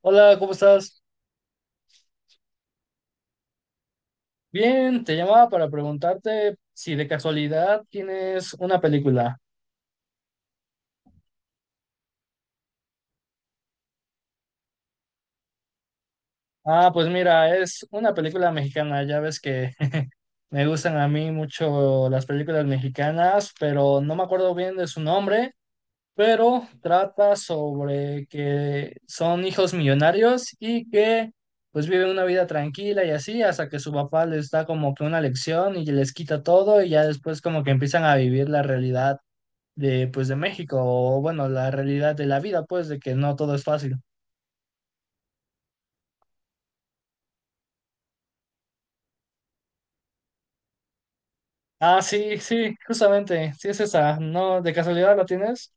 Hola, ¿cómo estás? Bien, te llamaba para preguntarte si de casualidad tienes una película. Ah, pues mira, es una película mexicana. Ya ves que me gustan a mí mucho las películas mexicanas, pero no me acuerdo bien de su nombre, pero trata sobre que son hijos millonarios y que pues viven una vida tranquila y así hasta que su papá les da como que una lección y les quita todo y ya después como que empiezan a vivir la realidad. De, pues, de México, o bueno, la realidad de la vida, pues, de que no todo es fácil. Ah, sí, sí, justamente, sí es esa, ¿no? ¿De casualidad la tienes?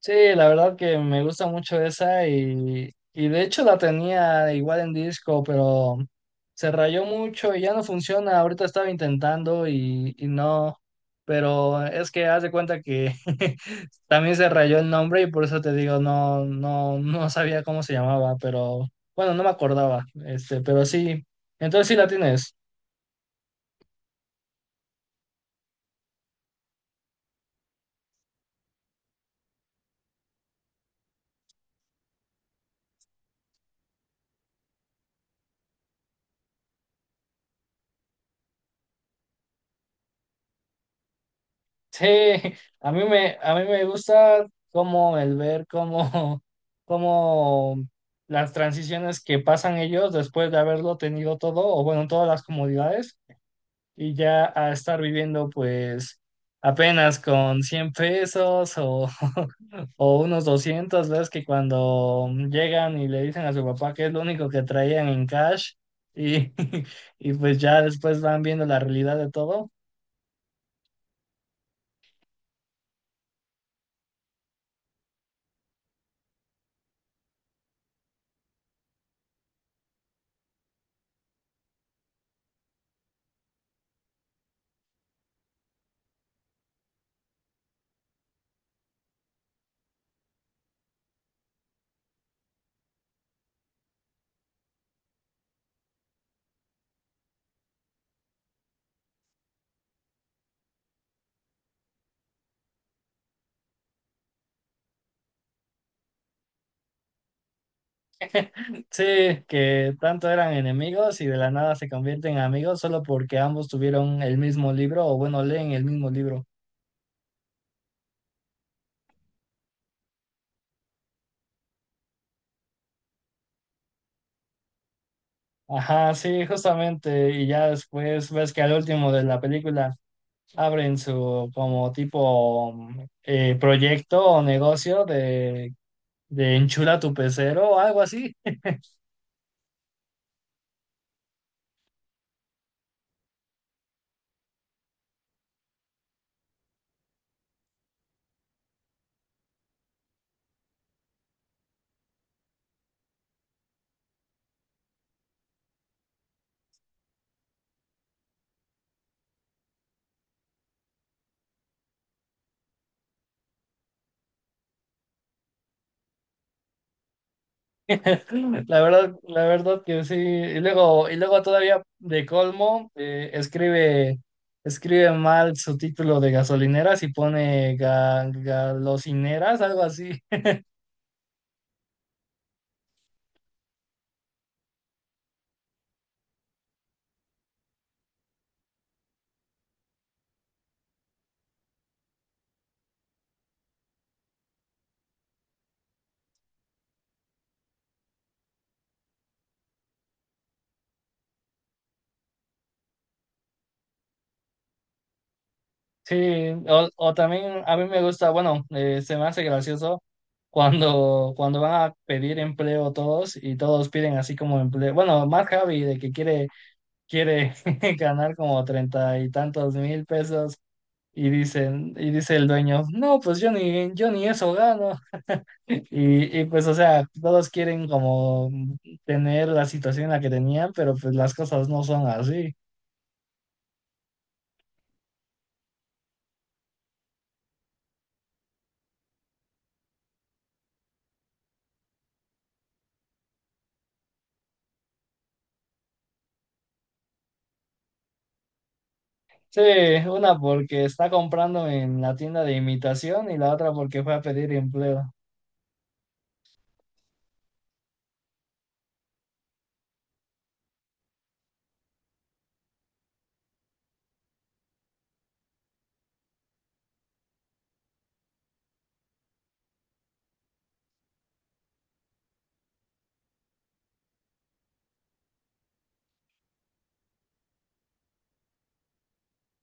Sí, la verdad que me gusta mucho esa y de hecho la tenía igual en disco, pero se rayó mucho y ya no funciona. Ahorita estaba intentando y no, pero es que haz de cuenta que también se rayó el nombre y por eso te digo, no, no, no sabía cómo se llamaba, pero bueno, no me acordaba, pero sí, entonces sí la tienes. Sí, a mí me gusta como el ver cómo, cómo las transiciones que pasan ellos después de haberlo tenido todo, o bueno, todas las comodidades, y ya a estar viviendo pues apenas con 100 pesos o, o unos 200, ves que cuando llegan y le dicen a su papá que es lo único que traían en cash, y, y pues ya después van viendo la realidad de todo. Sí, que tanto eran enemigos y de la nada se convierten en amigos solo porque ambos tuvieron el mismo libro o bueno, leen el mismo libro. Ajá, sí, justamente. Y ya después ves que al último de la película abren su como tipo proyecto o negocio de enchula tu pecero o algo así. La verdad que sí. Y luego todavía de colmo, escribe, escribe mal su título de gasolineras y pone galocineras, algo así. Sí, o también a mí me gusta, bueno, se me hace gracioso cuando, cuando van a pedir empleo todos y todos piden así como empleo. Bueno, más Javi de que quiere, quiere ganar como 30 y tantos mil pesos. Y dicen, y dice el dueño, no, pues yo ni eso gano. Y, y pues, o sea, todos quieren como tener la situación en la que tenían, pero pues las cosas no son así. Sí, una porque está comprando en la tienda de imitación y la otra porque fue a pedir empleo.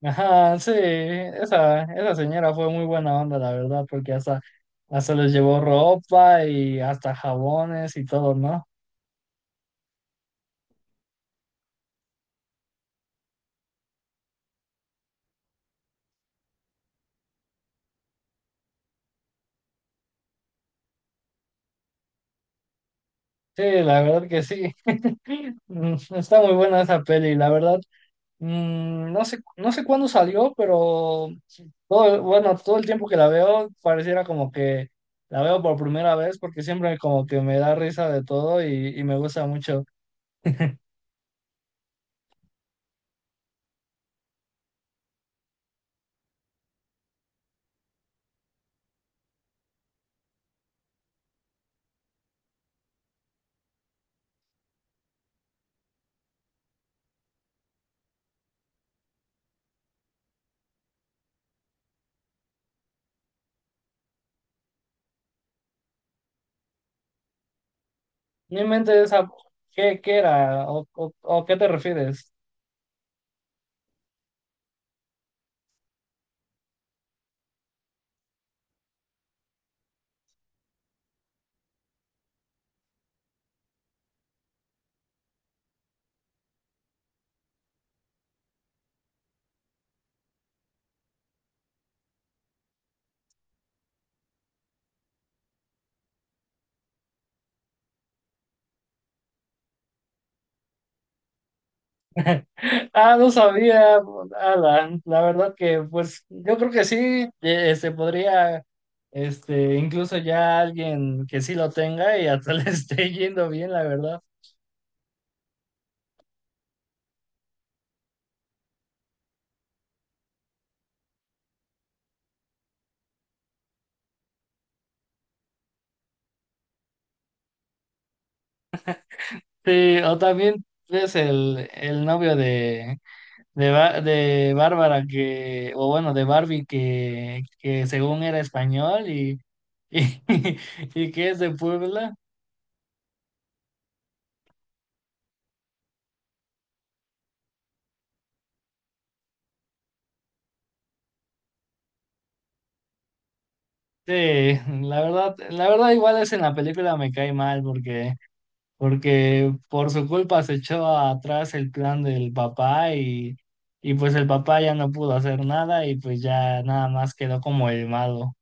Ajá, sí, esa señora fue muy buena onda, la verdad, porque hasta, hasta les llevó ropa y hasta jabones y todo, ¿no? Sí, la verdad que sí. Está muy buena esa peli, la verdad. No sé, no sé cuándo salió, pero todo, bueno, todo el tiempo que la veo pareciera como que la veo por primera vez porque siempre como que me da risa de todo y me gusta mucho. Mi mente esa, ¿qué, qué era? O qué te refieres? Ah, no sabía, Alan. La verdad que, pues, yo creo que sí, podría, incluso ya alguien que sí lo tenga y hasta le esté yendo bien, la verdad. Sí, o también ves el novio de, de Bárbara que, o bueno, de Barbie que según era español y, y que es de Puebla. Sí, la verdad igual es en la película me cae mal porque, porque por su culpa se echó atrás el plan del papá y pues el papá ya no pudo hacer nada y pues ya nada más quedó como el malo.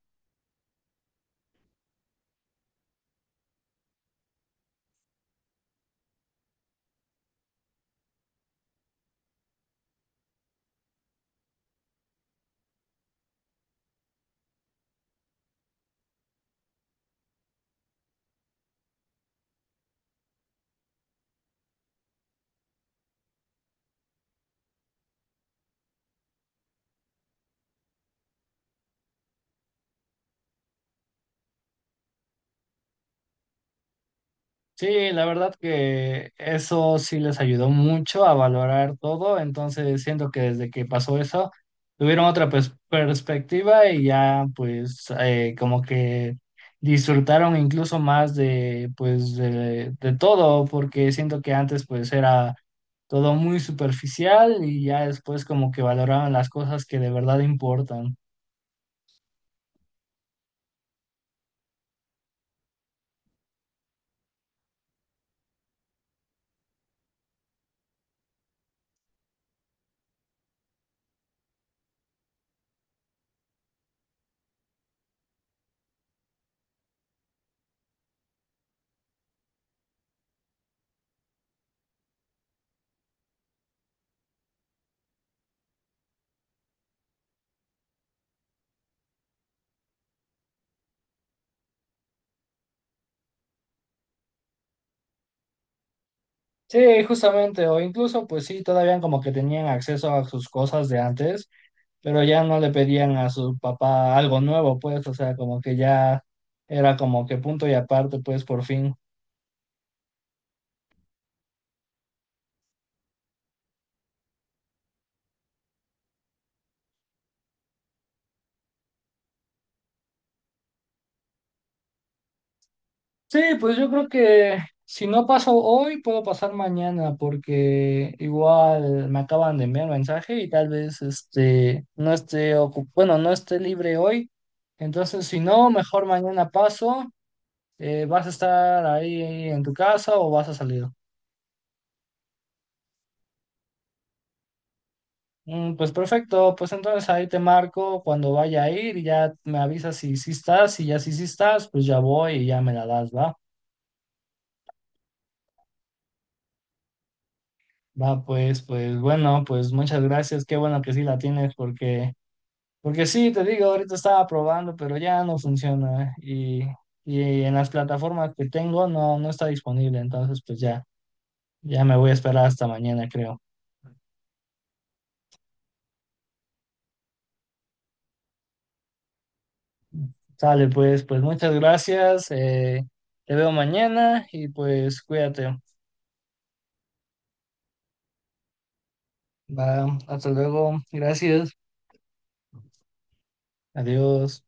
Sí, la verdad que eso sí les ayudó mucho a valorar todo, entonces siento que desde que pasó eso tuvieron otra perspectiva y ya pues como que disfrutaron incluso más de pues de todo, porque siento que antes pues era todo muy superficial y ya después como que valoraban las cosas que de verdad importan. Sí, justamente, o incluso pues sí, todavía como que tenían acceso a sus cosas de antes, pero ya no le pedían a su papá algo nuevo, pues, o sea, como que ya era como que punto y aparte, pues, por fin. Sí, pues yo creo que si no paso hoy, puedo pasar mañana, porque igual me acaban de enviar mensaje y tal vez este no esté bueno, no esté libre hoy. Entonces, si no, mejor mañana paso. ¿Vas a estar ahí en tu casa o vas a salir? Pues perfecto, pues entonces ahí te marco cuando vaya a ir y ya me avisas si sí estás y ya si sí estás, pues ya voy y ya me la das, ¿va? Va, pues, pues bueno, pues muchas gracias, qué bueno que sí la tienes porque, porque sí, te digo, ahorita estaba probando, pero ya no funciona y en las plataformas que tengo no, no está disponible, entonces pues ya, ya me voy a esperar hasta mañana, creo. Sale, pues, pues muchas gracias, te veo mañana y pues cuídate. Va, hasta luego. Gracias. Adiós.